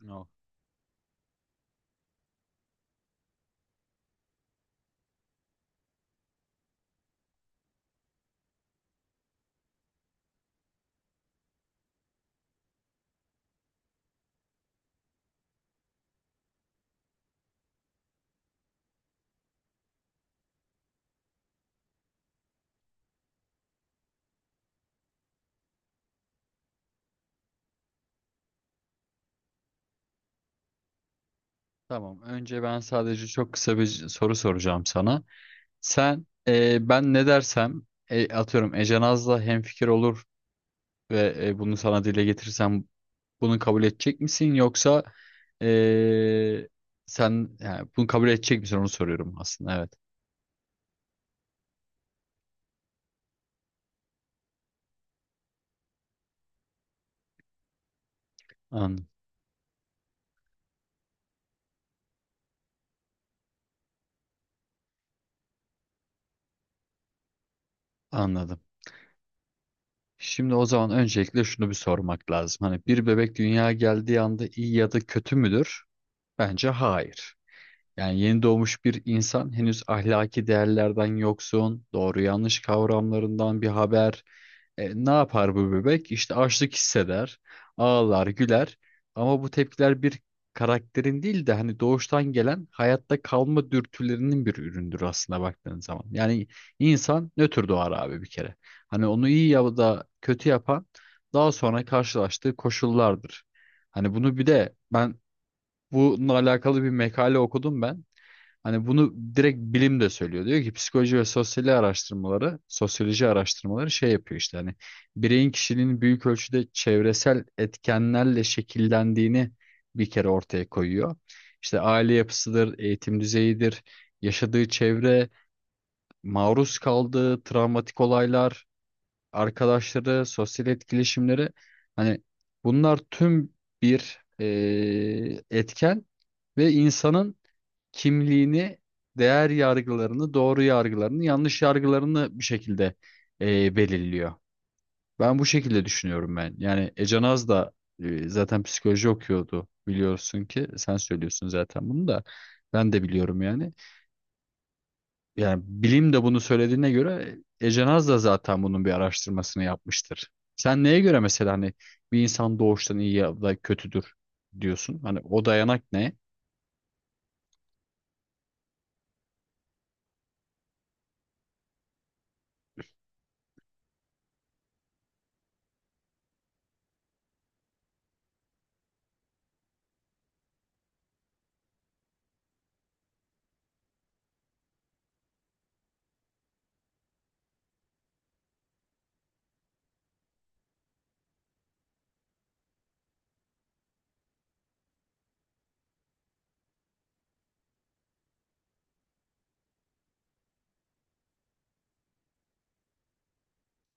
No. Tamam. Önce ben sadece çok kısa bir soru soracağım sana. Sen ben ne dersem atıyorum Ece Naz'la hemfikir olur ve bunu sana dile getirirsem bunu kabul edecek misin yoksa e, sen yani bunu kabul edecek misin onu soruyorum aslında evet. An- Anladım. Şimdi o zaman öncelikle şunu bir sormak lazım. Hani bir bebek dünyaya geldiği anda iyi ya da kötü müdür? Bence hayır. Yani yeni doğmuş bir insan henüz ahlaki değerlerden yoksun, doğru yanlış kavramlarından bir haber. Ne yapar bu bebek? İşte açlık hisseder, ağlar, güler. Ama bu tepkiler bir karakterin değil de hani doğuştan gelen hayatta kalma dürtülerinin bir üründür aslında baktığın zaman. Yani insan nötr doğar abi bir kere. Hani onu iyi ya da kötü yapan daha sonra karşılaştığı koşullardır. Hani bunu bir de ben bununla alakalı bir makale okudum ben. Hani bunu direkt bilim de söylüyor. Diyor ki psikoloji ve sosyoloji araştırmaları, sosyoloji araştırmaları şey yapıyor işte hani bireyin kişiliğinin büyük ölçüde çevresel etkenlerle şekillendiğini bir kere ortaya koyuyor. İşte aile yapısıdır, eğitim düzeyidir, yaşadığı çevre, maruz kaldığı travmatik olaylar, arkadaşları, sosyal etkileşimleri hani bunlar tüm bir etken ve insanın kimliğini, değer yargılarını, doğru yargılarını, yanlış yargılarını bir şekilde belirliyor. Ben bu şekilde düşünüyorum ben. Yani Ece Naz da zaten psikoloji okuyordu biliyorsun ki sen söylüyorsun zaten bunu da ben de biliyorum yani. Yani bilim de bunu söylediğine göre Ece Naz da zaten bunun bir araştırmasını yapmıştır. Sen neye göre mesela hani bir insan doğuştan iyi ya da kötüdür diyorsun? Hani o dayanak ne?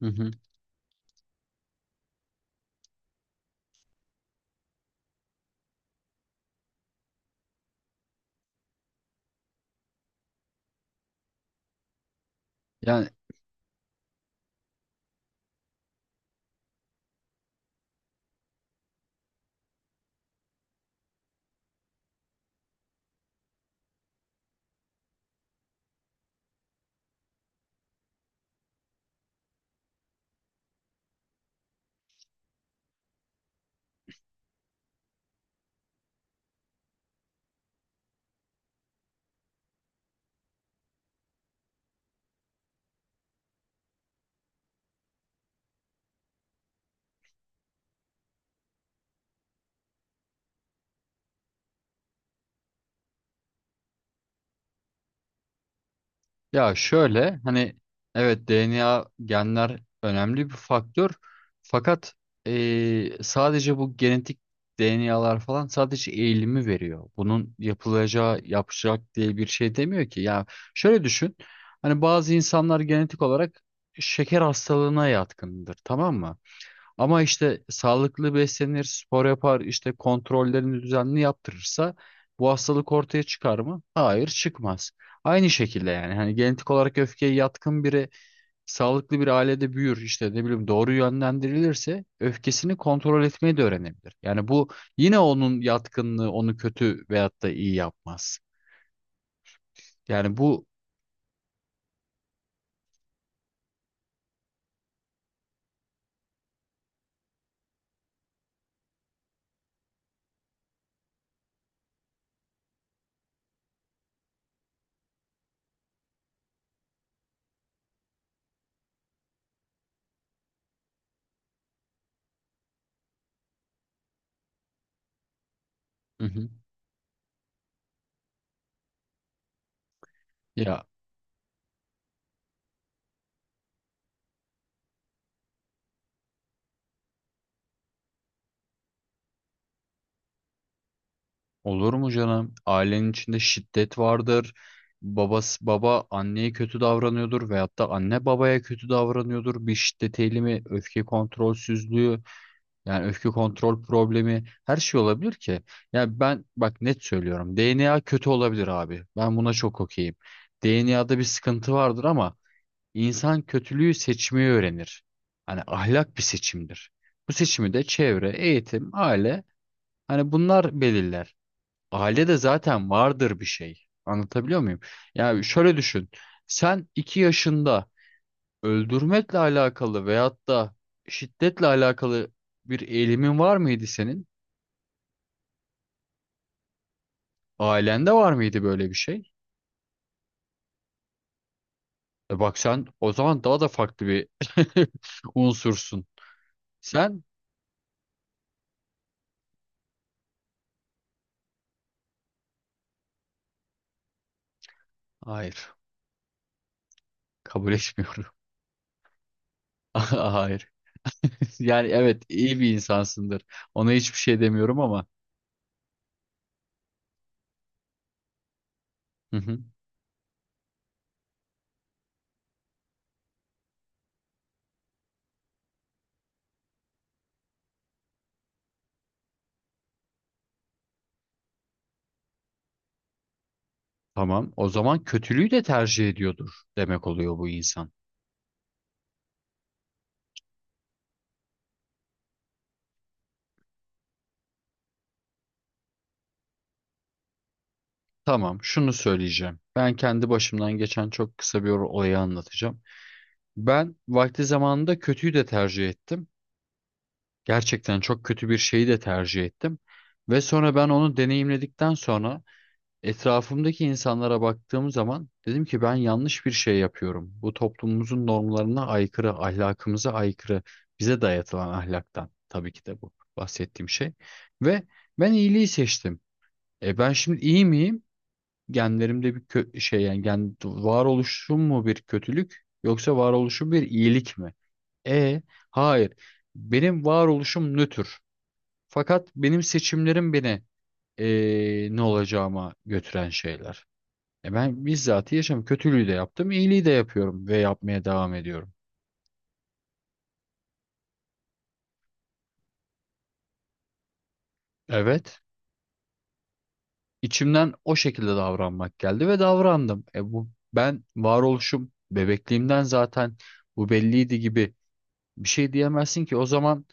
Hı hı. Yani Ya şöyle hani evet DNA genler önemli bir faktör fakat sadece bu genetik DNA'lar falan sadece eğilimi veriyor. Bunun yapılacağı yapacak diye bir şey demiyor ki. Ya şöyle düşün hani bazı insanlar genetik olarak şeker hastalığına yatkındır, tamam mı? Ama işte sağlıklı beslenir, spor yapar, işte kontrollerini düzenli yaptırırsa bu hastalık ortaya çıkar mı? Hayır, çıkmaz. Aynı şekilde yani hani genetik olarak öfkeye yatkın biri sağlıklı bir ailede büyür işte ne bileyim doğru yönlendirilirse öfkesini kontrol etmeyi de öğrenebilir. Yani bu yine onun yatkınlığı onu kötü veyahut da iyi yapmaz. Yani bu Hı hı. Ya olur mu canım? Ailenin içinde şiddet vardır. Babası baba anneye kötü davranıyordur veyahut da anne babaya kötü davranıyordur. Bir şiddet eğilimi, öfke kontrolsüzlüğü, yani öfke kontrol problemi her şey olabilir ki. Yani ben bak net söylüyorum. DNA kötü olabilir abi. Ben buna çok okeyim. DNA'da bir sıkıntı vardır ama insan kötülüğü seçmeyi öğrenir. Hani ahlak bir seçimdir. Bu seçimi de çevre, eğitim, aile hani bunlar belirler. Ailede zaten vardır bir şey. Anlatabiliyor muyum? Yani şöyle düşün. Sen 2 yaşında öldürmekle alakalı veyahut da şiddetle alakalı bir eğilimin var mıydı senin? Ailende var mıydı böyle bir şey? E bak sen o zaman daha da farklı bir unsursun. Sen? Hayır. Kabul etmiyorum. Hayır. Yani evet iyi bir insansındır. Ona hiçbir şey demiyorum ama. Hı hı. Tamam. O zaman kötülüğü de tercih ediyordur demek oluyor bu insan. Tamam, şunu söyleyeceğim. Ben kendi başımdan geçen çok kısa bir olayı anlatacağım. Ben vakti zamanında kötüyü de tercih ettim. Gerçekten çok kötü bir şeyi de tercih ettim. Ve sonra ben onu deneyimledikten sonra etrafımdaki insanlara baktığım zaman dedim ki ben yanlış bir şey yapıyorum. Bu toplumumuzun normlarına aykırı, ahlakımıza aykırı, bize dayatılan ahlaktan tabii ki de bu bahsettiğim şey. Ve ben iyiliği seçtim. E ben şimdi iyi miyim? Genlerimde bir şey, yani gen varoluşum mu bir kötülük yoksa varoluşum bir iyilik mi? E hayır. Benim varoluşum nötr. Fakat benim seçimlerim beni ne olacağıma götüren şeyler. E ben bizzat yaşam kötülüğü de yaptım, iyiliği de yapıyorum ve yapmaya devam ediyorum. Evet, içimden o şekilde davranmak geldi ve davrandım. E bu ben varoluşum bebekliğimden zaten bu belliydi gibi bir şey diyemezsin ki o zaman.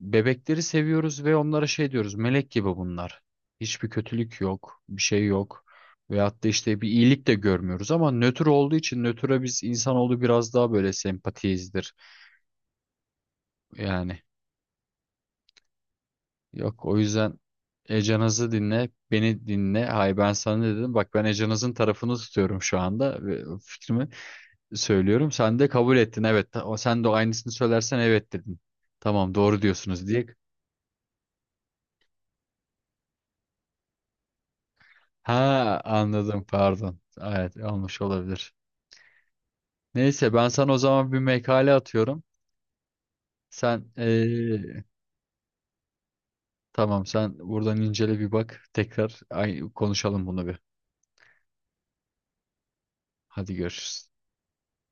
Bebekleri seviyoruz ve onlara şey diyoruz. Melek gibi bunlar. Hiçbir kötülük yok, bir şey yok. Veyahut da işte bir iyilik de görmüyoruz ama nötr olduğu için nötre biz insanoğlu biraz daha böyle sempatiyizdir. Yani yok o yüzden Ecanız'ı dinle, beni dinle. Hayır, ben sana ne dedim? Bak ben Ecanız'ın tarafını tutuyorum şu anda ve fikrimi söylüyorum. Sen de kabul ettin evet. Sen de aynısını söylersen evet dedin. Tamam doğru diyorsunuz diye. Ha anladım, pardon. Evet olmuş olabilir. Neyse ben sana o zaman bir makale atıyorum. Sen tamam sen buradan incele bir bak. Tekrar ay, konuşalım bunu bir. Hadi görüşürüz.